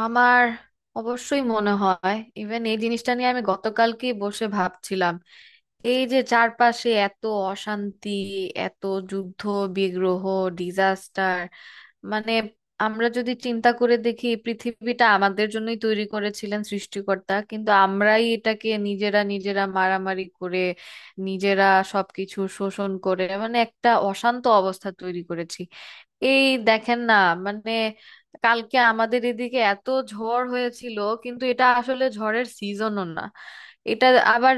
আমার অবশ্যই মনে হয়, ইভেন এই জিনিসটা নিয়ে আমি গতকালকেই বসে ভাবছিলাম। এই যে চারপাশে এত অশান্তি, এত যুদ্ধ, বিগ্রহ, ডিজাস্টার, মানে আমরা যদি চিন্তা করে দেখি, পৃথিবীটা আমাদের জন্যই তৈরি করেছিলেন সৃষ্টিকর্তা, কিন্তু আমরাই এটাকে নিজেরা নিজেরা মারামারি করে, নিজেরা সবকিছু শোষণ করে, একটা অশান্ত অবস্থা তৈরি করেছি। এই দেখেন না, মানে কালকে আমাদের এদিকে এত ঝড় হয়েছিল, কিন্তু এটা আসলে ঝড়ের সিজনও না। এটা আবার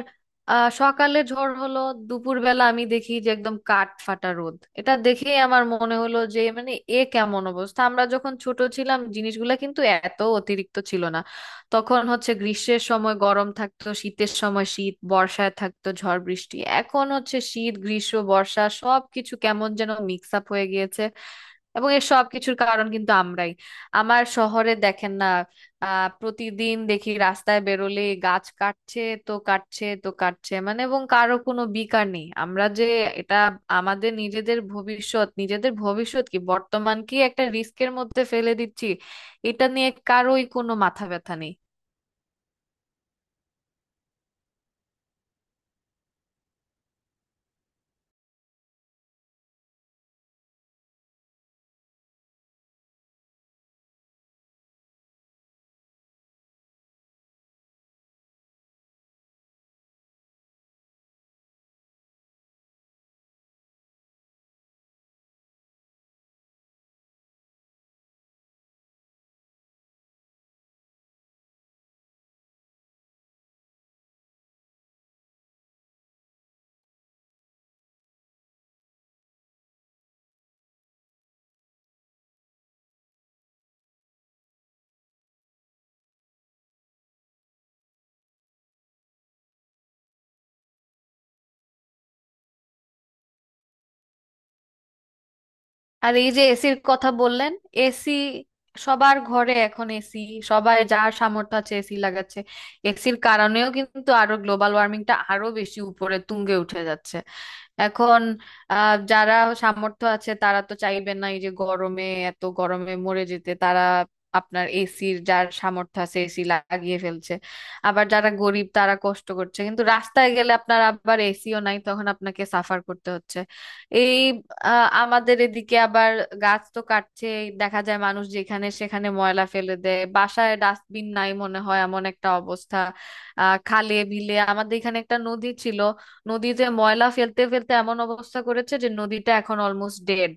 সকালে ঝড় হলো, দুপুরবেলা আমি দেখি যে একদম কাঠ ফাটা রোদ। এটা দেখেই আমার মনে হলো যে এ কেমন অবস্থা! আমরা যখন ছোট ছিলাম জিনিসগুলা কিন্তু এত অতিরিক্ত ছিল না। তখন হচ্ছে গ্রীষ্মের সময় গরম থাকতো, শীতের সময় শীত, বর্ষায় থাকতো ঝড় বৃষ্টি। এখন হচ্ছে শীত, গ্রীষ্ম, বর্ষা সবকিছু কেমন যেন মিক্স আপ হয়ে গিয়েছে। এবং এর সব কিছুর কারণ কিন্তু আমরাই। আমার শহরে দেখেন না, প্রতিদিন দেখি রাস্তায় বেরোলে গাছ কাটছে তো কাটছে তো কাটছে, এবং কারো কোনো বিকার নেই। আমরা যে এটা আমাদের নিজেদের ভবিষ্যৎ কি বর্তমান কি একটা রিস্কের মধ্যে ফেলে দিচ্ছি, এটা নিয়ে কারোই কোনো মাথা ব্যথা নেই। আর এই যে এসির কথা বললেন, এসি সবার ঘরে এখন এসি। সবাই যার সামর্থ্য আছে এসি লাগাচ্ছে। এসির কারণেও কিন্তু আরো গ্লোবাল ওয়ার্মিংটা আরো বেশি উপরে তুঙ্গে উঠে যাচ্ছে। এখন যারা সামর্থ্য আছে তারা তো চাইবে না এই যে গরমে, এত গরমে মরে যেতে। তারা আপনার এসির, যার সামর্থ্য আছে এসি লাগিয়ে ফেলছে। আবার যারা গরিব তারা কষ্ট করছে, কিন্তু রাস্তায় গেলে আপনার আবার এসিও নাই, তখন আপনাকে সাফার করতে হচ্ছে। এই আমাদের এদিকে আবার গাছ তো কাটছে, দেখা যায় মানুষ যেখানে সেখানে ময়লা ফেলে দেয়, বাসায় ডাস্টবিন নাই মনে হয় এমন একটা অবস্থা। খালে বিলে আমাদের এখানে একটা নদী ছিল, নদীতে ময়লা ফেলতে ফেলতে এমন অবস্থা করেছে যে নদীটা এখন অলমোস্ট ডেড।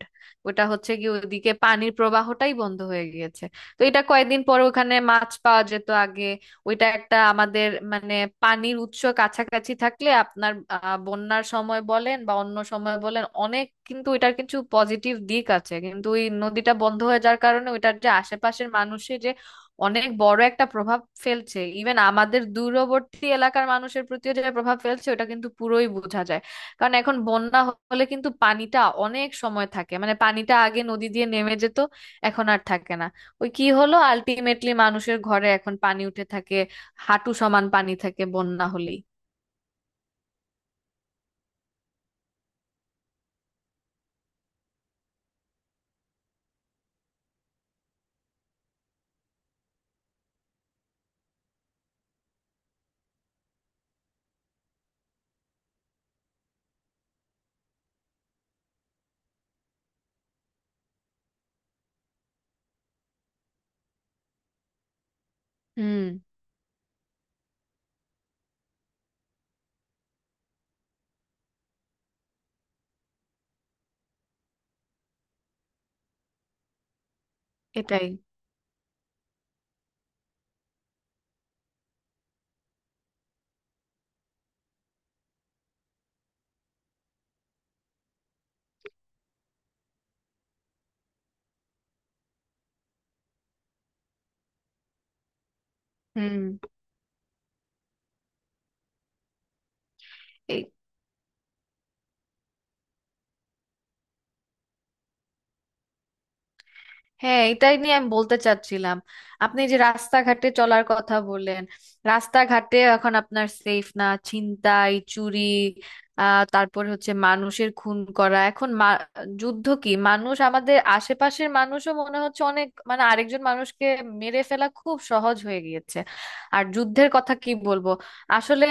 ওটা হচ্ছে কি, ওদিকে পানির প্রবাহটাই বন্ধ হয়ে গিয়েছে। তো এটা কয়েকদিন পর, ওখানে মাছ পাওয়া যেত আগে। ওইটা একটা আমাদের, মানে পানির উৎস কাছাকাছি থাকলে আপনার বন্যার সময় বলেন বা অন্য সময় বলেন অনেক, কিন্তু এটার কিছু পজিটিভ দিক আছে। কিন্তু ওই নদীটা বন্ধ হয়ে যাওয়ার কারণে ওইটার যে আশেপাশের মানুষের যে অনেক বড় একটা প্রভাব ফেলছে, ইভেন আমাদের দূরবর্তী এলাকার মানুষের প্রতিও যে প্রভাব ফেলছে ওটা কিন্তু পুরোই বোঝা যায়। কারণ এখন বন্যা হলে কিন্তু পানিটা অনেক সময় থাকে, পানিটা আগে নদী দিয়ে নেমে যেত, এখন আর থাকে না। ওই কি হলো, আলটিমেটলি মানুষের ঘরে এখন পানি উঠে থাকে, হাঁটু সমান পানি থাকে বন্যা হলেই। হুম, এটাই। হুম। হ্যাঁ, এটাই নিয়ে আমি বলতে চাচ্ছিলাম। আপনি যে রাস্তাঘাটে চলার কথা বললেন, রাস্তাঘাটে এখন আপনার সেফ না, ছিনতাই, চুরি, তারপর হচ্ছে মানুষের খুন করা। এখন যুদ্ধ কি, মানুষ আমাদের আশেপাশের মানুষও মনে হচ্ছে অনেক, আরেকজন মানুষকে মেরে ফেলা খুব সহজ হয়ে গিয়েছে। আর যুদ্ধের কথা কি বলবো, আসলে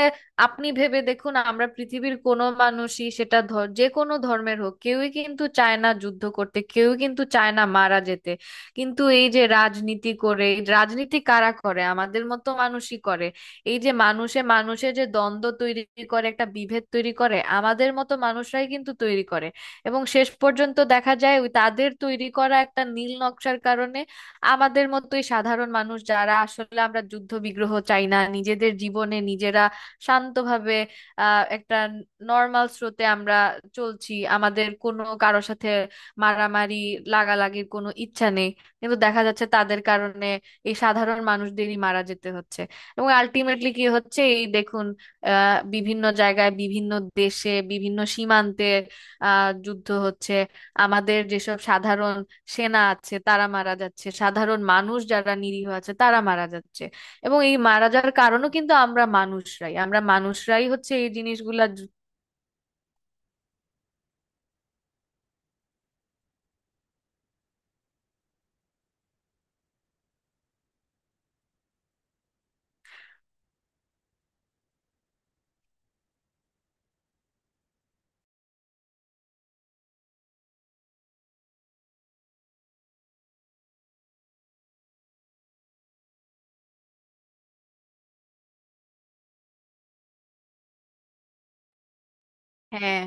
আপনি ভেবে দেখুন, আমরা পৃথিবীর কোনো মানুষই, সেটা যে কোনো ধর্মের হোক, কেউই কিন্তু চায় না যুদ্ধ করতে, কেউই কিন্তু চায় না মারা যেতে। কিন্তু এই যে রাজনীতি করে, এই রাজনীতি কারা করে, আমাদের মতো মানুষই করে। এই যে মানুষে মানুষে যে দ্বন্দ্ব তৈরি করে, একটা বিভেদ তৈরি করে, আমাদের মতো মানুষরাই কিন্তু তৈরি করে। এবং শেষ পর্যন্ত দেখা যায় ওই তাদের তৈরি করা একটা নীল নকশার কারণে আমাদের মতোই সাধারণ মানুষ, যারা আসলে আমরা যুদ্ধ বিগ্রহ চাই না, নিজেদের জীবনে নিজেরা শান্তভাবে একটা নর্মাল স্রোতে আমরা চলছি, আমাদের কোনো কারোর সাথে মারামারি লাগালাগির কোনো ইচ্ছা নেই। কিন্তু দেখা যাচ্ছে তাদের কারণে এই সাধারণ মানুষদেরই মারা যেতে হচ্ছে। এবং আলটিমেটলি কি হচ্ছে, এই দেখুন বিভিন্ন জায়গায়, বিভিন্ন দেশে, বিভিন্ন সীমান্তে যুদ্ধ হচ্ছে। আমাদের যেসব সাধারণ সেনা আছে তারা মারা যাচ্ছে, সাধারণ মানুষ যারা নিরীহ আছে তারা মারা যাচ্ছে। এবং এই মারা যাওয়ার কারণও কিন্তু আমরা মানুষরাই হচ্ছে এই জিনিসগুলা। হ্যাঁ।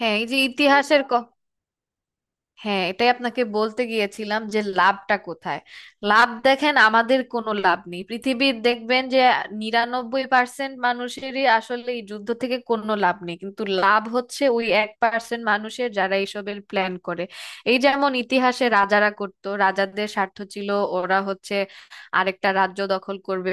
হ্যাঁ এই যে ইতিহাসের ক, হ্যাঁ এটাই আপনাকে বলতে গিয়েছিলাম যে লাভটা কোথায়। লাভ দেখেন, আমাদের কোনো লাভ নেই পৃথিবীর, দেখবেন যে 99% মানুষেরই আসলে এই যুদ্ধ থেকে কোনো লাভ নেই, কিন্তু লাভ হচ্ছে ওই 1% মানুষের যারা এইসবের প্ল্যান করে। এই যেমন ইতিহাসে রাজারা করতো, রাজাদের স্বার্থ ছিল ওরা হচ্ছে আরেকটা রাজ্য দখল করবে,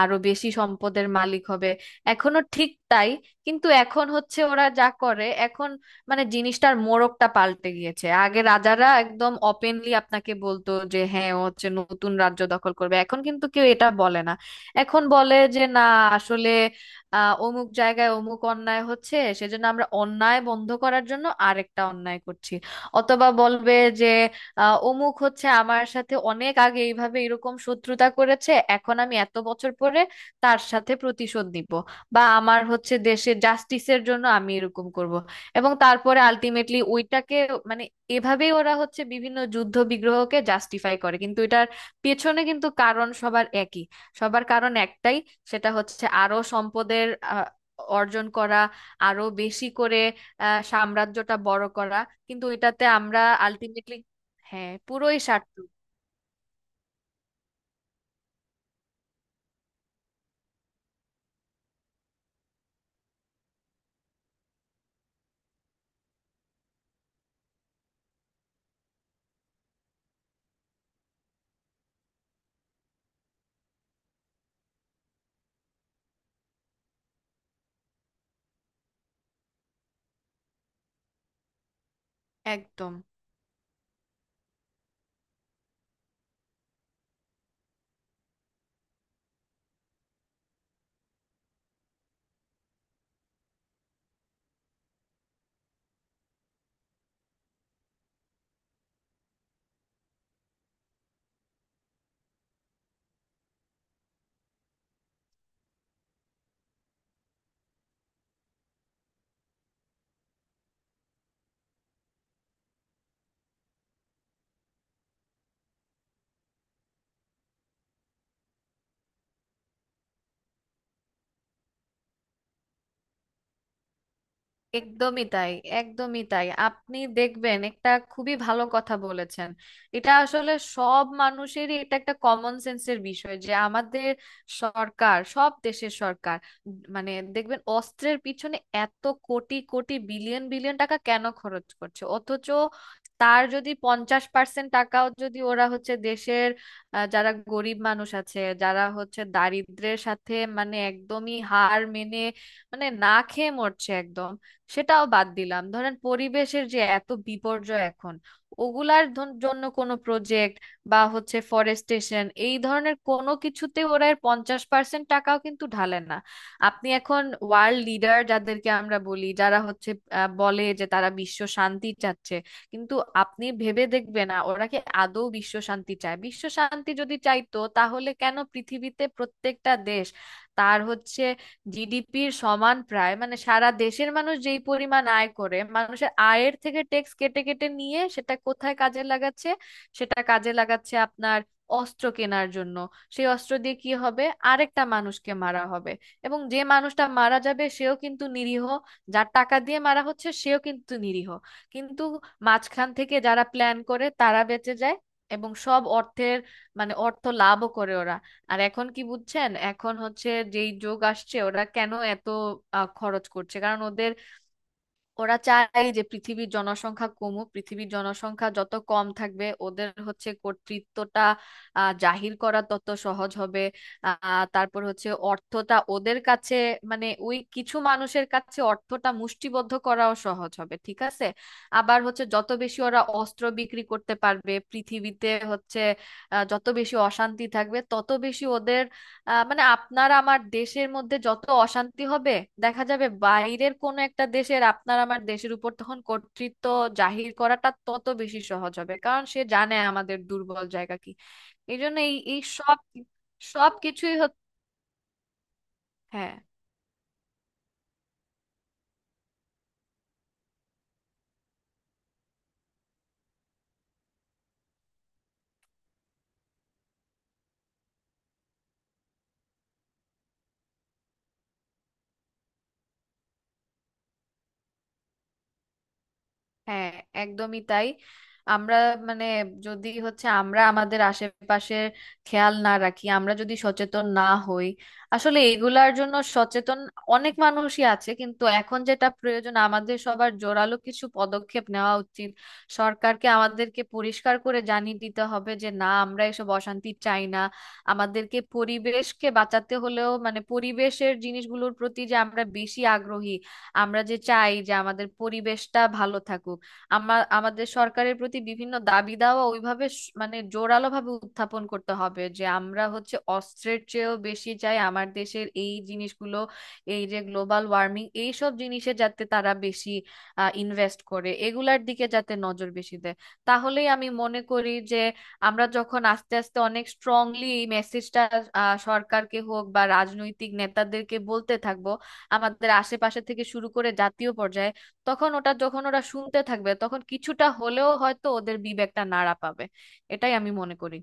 আরো বেশি সম্পদের মালিক হবে। এখনো ঠিক তাই, কিন্তু এখন হচ্ছে ওরা যা করে এখন, জিনিসটার মোড়কটা পাল্টে গিয়েছে। আগে রাজারা একদম ওপেনলি আপনাকে বলতো যে হ্যাঁ ও হচ্ছে নতুন রাজ্য দখল করবে, এখন কিন্তু কেউ এটা বলে না। এখন বলে যে না, আসলে অমুক জায়গায় অমুক অন্যায় হচ্ছে, সেজন্য আমরা অন্যায় বন্ধ করার জন্য আরেকটা অন্যায় করছি। অথবা বলবে যে অমুক হচ্ছে আমার সাথে অনেক আগে এইভাবে এরকম শত্রুতা করেছে, এখন আমি এত বছর পরে তার সাথে প্রতিশোধ নিব। বা আমার হচ্ছে দেশে জাস্টিসের জন্য আমি এরকম করব। এবং তারপরে আলটিমেটলি ওইটাকে, মানে এভাবেই ওরা হচ্ছে বিভিন্ন যুদ্ধ বিগ্রহকে জাস্টিফাই করে। কিন্তু এটার পেছনে কিন্তু কারণ সবার একই, সবার কারণ একটাই। সেটা হচ্ছে আরো সম্পদের অর্জন করা, আরো বেশি করে সাম্রাজ্যটা বড় করা। কিন্তু এটাতে আমরা আলটিমেটলি, হ্যাঁ পুরোই স্বার্থ। একদম, একদমই তাই। একদমই তাই, আপনি দেখবেন একটা খুবই ভালো কথা বলেছেন। এটা আসলে সব মানুষেরই, এটা একটা কমন সেন্সের বিষয় যে আমাদের সরকার, সব দেশের সরকার, দেখবেন অস্ত্রের পিছনে এত কোটি কোটি বিলিয়ন বিলিয়ন টাকা কেন খরচ করছে। অথচ তার যদি 50% টাকাও যদি ওরা হচ্ছে দেশের যারা গরিব মানুষ আছে, যারা হচ্ছে দারিদ্র্যের সাথে একদমই হার মেনে, না খেয়ে মরছে একদম। সেটাও বাদ দিলাম, ধরেন পরিবেশের যে এত বিপর্যয় এখন, ওগুলার জন্য কোনো প্রজেক্ট বা হচ্ছে ফরেস্টেশন এই ধরনের কোনো কিছুতে ওরা এর 50% টাকাও কিন্তু ঢালে না। আপনি এখন ওয়ার্ল্ড লিডার যাদেরকে আমরা বলি, যারা হচ্ছে বলে যে তারা বিশ্ব শান্তি চাচ্ছে, কিন্তু আপনি ভেবে দেখবেন না ওরা কি আদৌ বিশ্ব শান্তি চায়? বিশ্ব শান্তি যদি চাইতো, তাহলে কেন পৃথিবীতে প্রত্যেকটা দেশ তার হচ্ছে জিডিপির সমান প্রায়, সারা দেশের মানুষ যেই পরিমাণ আয় করে, মানুষের আয়ের থেকে ট্যাক্স কেটে কেটে নিয়ে সেটা কোথায় কাজে লাগাচ্ছে? সেটা কাজে লাগাচ্ছে আপনার অস্ত্র কেনার জন্য। সেই অস্ত্র দিয়ে কি হবে? আরেকটা মানুষকে মারা হবে। এবং যে মানুষটা মারা যাবে সেও কিন্তু নিরীহ, যার টাকা দিয়ে মারা হচ্ছে সেও কিন্তু নিরীহ। কিন্তু মাঝখান থেকে যারা প্ল্যান করে তারা বেঁচে যায়, এবং সব অর্থের, অর্থ লাভও করে ওরা। আর এখন কি বুঝছেন, এখন হচ্ছে যেই যুগ আসছে, ওরা কেন এত খরচ করছে, কারণ ওদের, ওরা চায় যে পৃথিবীর জনসংখ্যা কমুক। পৃথিবীর জনসংখ্যা যত কম থাকবে ওদের হচ্ছে কর্তৃত্বটা জাহির করা তত সহজ হবে। তারপর হচ্ছে অর্থটা ওদের কাছে, ওই কিছু মানুষের কাছে অর্থটা মুষ্টিবদ্ধ করাও সহজ হবে, ঠিক আছে। আবার হচ্ছে যত বেশি ওরা অস্ত্র বিক্রি করতে পারবে পৃথিবীতে হচ্ছে যত বেশি অশান্তি থাকবে তত বেশি ওদের, আপনার আমার দেশের মধ্যে যত অশান্তি হবে, দেখা যাবে বাইরের কোনো একটা দেশের আপনার আমার দেশের উপর তখন কর্তৃত্ব জাহির করাটা তত বেশি সহজ হবে, কারণ সে জানে আমাদের দুর্বল জায়গা কি। এই জন্য এই এই সব, সব কিছুই হচ্ছে। হ্যাঁ। হ্যাঁ, একদমই তাই। আমরা মানে যদি হচ্ছে আমরা আমাদের আশেপাশের খেয়াল না রাখি, আমরা যদি সচেতন না হই, আসলে এগুলার জন্য সচেতন অনেক মানুষই আছে কিন্তু এখন যেটা প্রয়োজন আমাদের সবার জোরালো কিছু পদক্ষেপ নেওয়া উচিত। সরকারকে আমাদেরকে পরিষ্কার করে জানিয়ে দিতে হবে যে না, আমরা এসব অশান্তি চাই না। আমাদেরকে পরিবেশকে বাঁচাতে হলেও পরিবেশের জিনিসগুলোর প্রতি যে আমরা বেশি আগ্রহী, আমরা যে চাই যে আমাদের পরিবেশটা ভালো থাকুক, আমার, আমাদের সরকারের প্রতি বিভিন্ন দাবি দাওয়া ওইভাবে জোরালো ভাবে উত্থাপন করতে হবে যে আমরা হচ্ছে অস্ত্রের চেয়েও বেশি চাই আমার দেশের এই জিনিসগুলো, এই যে গ্লোবাল ওয়ার্মিং এইসব জিনিসে যাতে তারা বেশি ইনভেস্ট করে, এগুলার দিকে যাতে নজর বেশি দেয়। তাহলেই আমি মনে করি যে আমরা যখন আস্তে আস্তে অনেক স্ট্রংলি এই মেসেজটা সরকারকে হোক বা রাজনৈতিক নেতাদেরকে বলতে থাকবো, আমাদের আশেপাশে থেকে শুরু করে জাতীয় পর্যায়ে, তখন ওটা যখন ওরা শুনতে থাকবে তখন কিছুটা হলেও হয়তো ওদের বিবেকটা নাড়া পাবে। এটাই আমি মনে করি।